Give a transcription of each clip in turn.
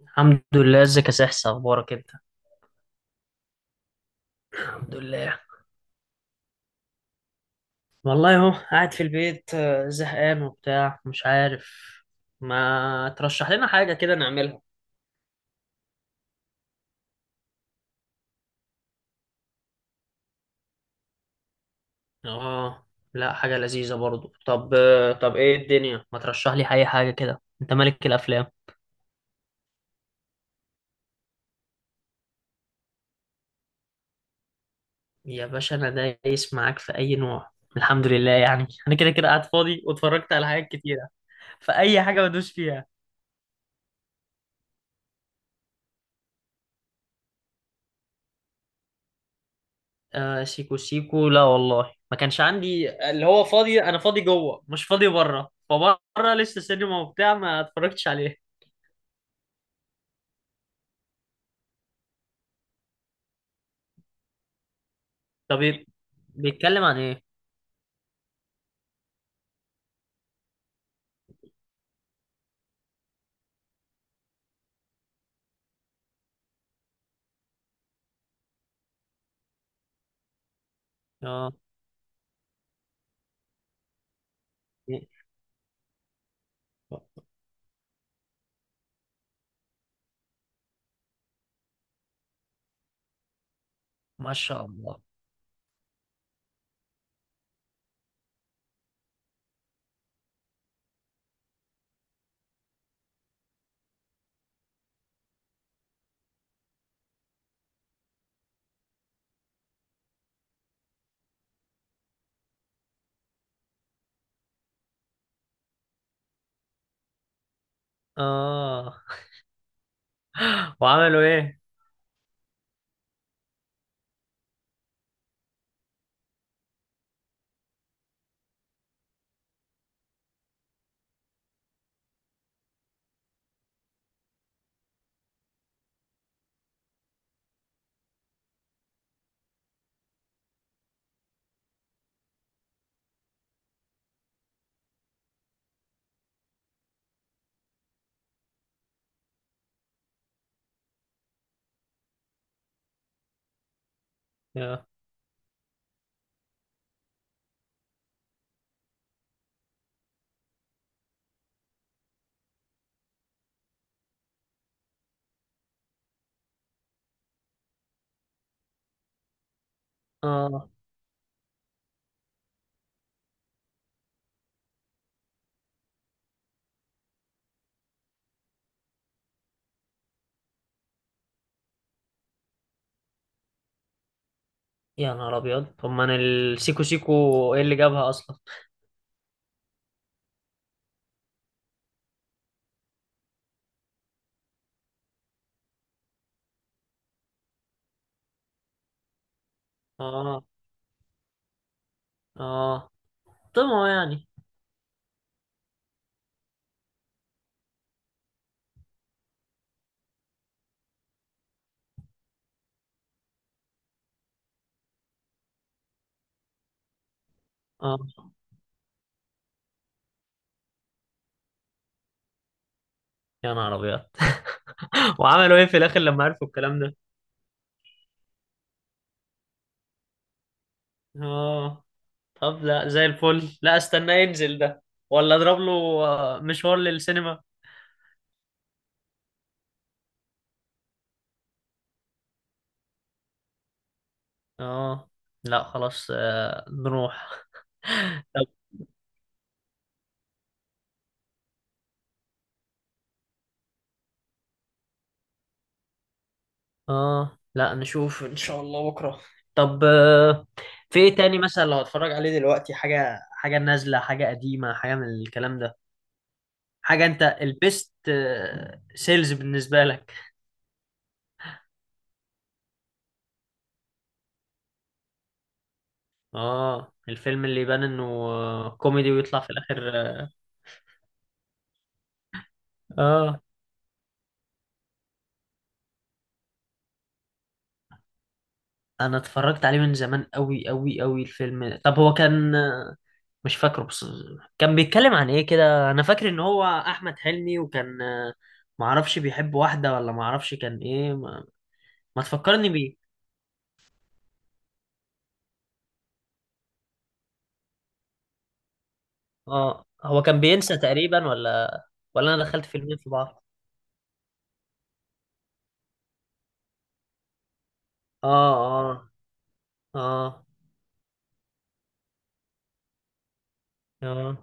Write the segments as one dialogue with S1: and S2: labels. S1: الحمد لله. ازيك يا سحس؟ اخبارك انت؟ الحمد لله والله اهو قاعد في البيت، زهقان وبتاع مش عارف. ما ترشح لنا حاجة كده نعملها؟ اه لا، حاجة لذيذة برضو. طب طب ايه الدنيا، ما ترشح لي اي حاجة كده؟ انت ملك الافلام. يا باشا انا دايس معاك في اي نوع. الحمد لله يعني انا كده كده قاعد فاضي واتفرجت على حاجات كتيرة، فاي حاجة بدوس فيها. آه سيكو سيكو، لا والله ما كانش عندي. اللي هو فاضي، انا فاضي جوه مش فاضي بره، فبره لسه سينما وبتاع ما اتفرجتش عليه. طب إيه؟ بيتكلم عن ايه؟ اه. ما شاء الله. اه. وعملوا ايه؟ يا- اه. يا نهار ابيض، طب ما انا السيكو سيكو، ايه اللي جابها اصلا؟ اه. اه. طمعوا يعني. اه. يا نهار ابيض. وعملوا ايه في الاخر لما عرفوا الكلام ده؟ اه. طب لا، زي الفل. لا استنى ينزل ده ولا اضرب له مشوار للسينما؟ اه لا خلاص، نروح. طب. اه لا، نشوف ان شاء الله بكره. طب في ايه تاني مثلا لو هتفرج عليه دلوقتي؟ حاجه حاجه نازله حاجه قديمه حاجه من الكلام ده، حاجه انت البيست سيلز بالنسبه لك. اه الفيلم اللي يبان انه كوميدي ويطلع في الاخر اه. آه. انا اتفرجت عليه من زمان قوي قوي قوي الفيلم ده. طب هو كان، مش فاكره بس، كان بيتكلم عن ايه كده؟ انا فاكر ان هو احمد حلمي وكان، معرفش بيحب واحدة ولا معرفش كان ايه. ما تفكرني بيه. اه هو كان بينسى تقريبا ولا؟ ولا انا دخلت فيلمين في بعض؟ اه اه اه. اه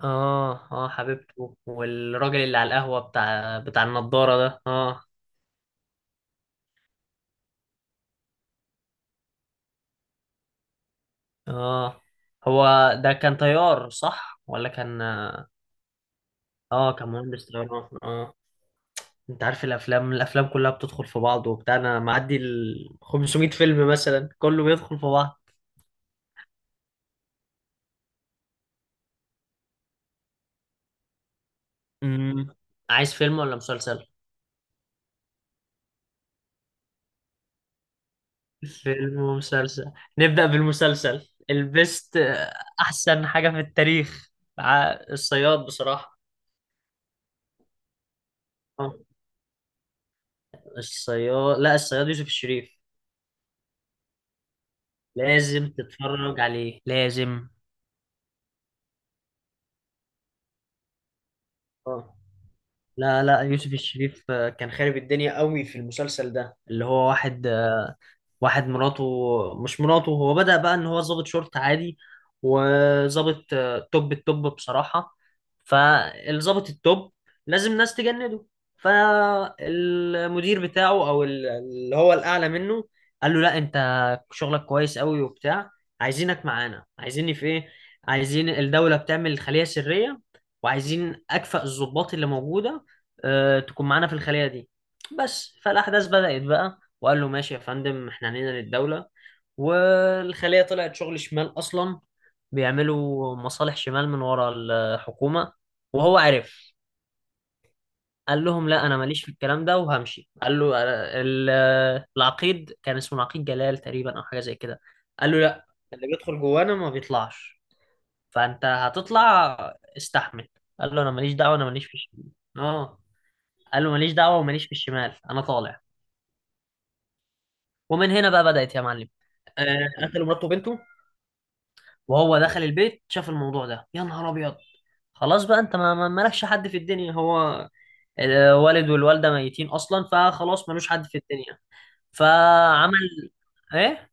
S1: اه اه حبيبته، والراجل اللي على القهوة بتاع النضارة ده اه. اه هو، ده كان طيار صح ولا كان؟ اه كمهندس طيران اه. انت عارف الافلام كلها بتدخل في بعض وبتاع، انا معدي ال 500 فيلم مثلا، كله بيدخل في بعض. امم عايز فيلم ولا مسلسل؟ فيلم ومسلسل. نبدأ بالمسلسل البست، احسن حاجة في التاريخ، الصياد بصراحة. آه، الصياد؟ لا، الصياد يوسف الشريف. لازم تتفرج عليه، لازم. آه. لا لا يوسف الشريف، كان خارب الدنيا قوي في المسلسل ده. اللي هو واحد، واحد مراته، مش مراته، هو بدأ بقى ان هو ظابط شرطة عادي وظابط توب التوب بصراحة. فالظابط التوب لازم ناس تجنده. فالمدير بتاعه او اللي هو الاعلى منه قال له لا انت شغلك كويس قوي وبتاع، عايزينك معانا. عايزيني في ايه؟ عايزين الدولة بتعمل خلية سرية وعايزين اكفأ الضباط اللي موجودة تكون معانا في الخلية دي بس. فالأحداث بدأت بقى، وقال له ماشي يا فندم احنا عنينا للدولة. والخلية طلعت شغل شمال أصلا، بيعملوا مصالح شمال من ورا الحكومة وهو عرف. قال لهم لا أنا ماليش في الكلام ده وهمشي. قال له ال- العقيد، كان اسمه العقيد جلال تقريبا أو حاجة زي كده، قال له لا، اللي بيدخل جوانا ما بيطلعش، فأنت هتطلع، استحمل. قال له أنا ماليش دعوة، أنا ماليش في الشمال. اه. قال له ماليش دعوة وماليش في الشمال، أنا طالع. ومن هنا بقى بدأت يا معلم. قتلوا مراته وبنته، وهو دخل البيت شاف الموضوع ده، يا نهار ابيض، خلاص بقى انت مالكش حد في الدنيا. هو الوالد والوالده ميتين اصلا، فخلاص ملوش حد في الدنيا. فعمل ايه؟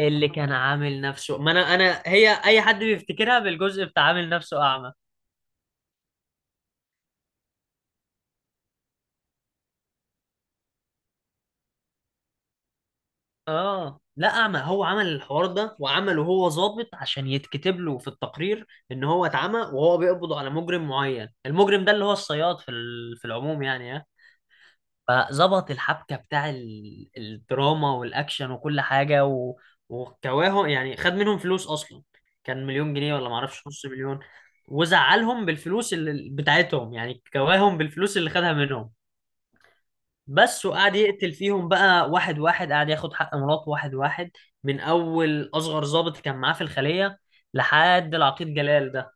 S1: اللي كان عامل نفسه، ما انا، انا هي اي حد بيفتكرها بالجزء بتاع عامل نفسه اعمى. اه لا اعمى، هو عمل الحوار ده وعمله هو ظابط عشان يتكتب له في التقرير ان هو اتعمى وهو بيقبض على مجرم معين. المجرم ده اللي هو الصياد في في العموم يعني آه. فظبط الحبكة بتاع الدراما والأكشن وكل حاجة و... وكواهم يعني، خد منهم فلوس أصلا، كان مليون جنيه ولا معرفش نص مليون، وزعلهم بالفلوس اللي بتاعتهم. يعني كواهم بالفلوس اللي خدها منهم بس. وقعد يقتل فيهم بقى واحد واحد. قعد ياخد حق مراته واحد واحد، من أول أصغر ضابط كان معاه في الخلية لحد العقيد جلال ده.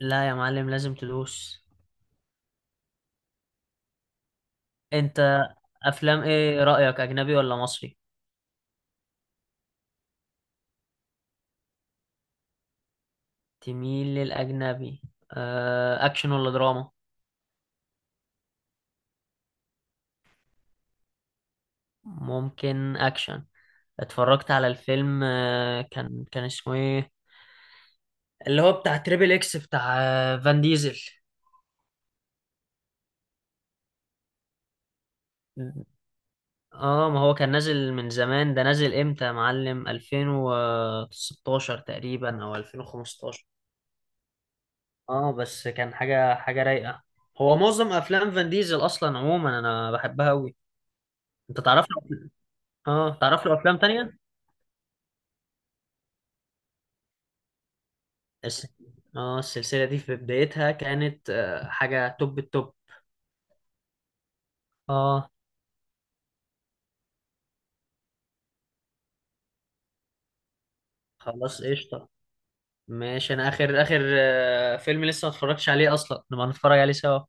S1: لا يا معلم لازم تدوس. أنت أفلام إيه رأيك، أجنبي ولا مصري؟ تميل للأجنبي. أكشن ولا دراما؟ ممكن أكشن. اتفرجت على الفيلم كان اسمه إيه، اللي هو بتاع تريبل إكس بتاع فان ديزل. اه ما هو كان نازل من زمان، ده نازل امتى يا معلم؟ 2016 تقريبا او 2015. اه بس كان حاجة حاجة رايقة. هو معظم افلام فان ديزل اصلا عموما انا بحبها قوي. انت تعرف له؟ اه تعرف له افلام تانية؟ الس- اه السلسلة دي في بدايتها كانت حاجة توب التوب. اه خلاص قشطة. ماشي انا اخر اخر فيلم لسه ما اتفرجتش عليه اصلا، نبقى نتفرج عليه سوا.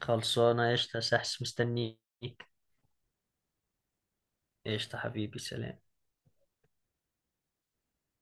S1: خلصانة قشطة يا سحس مستنيك. قشطة حبيبي سلام.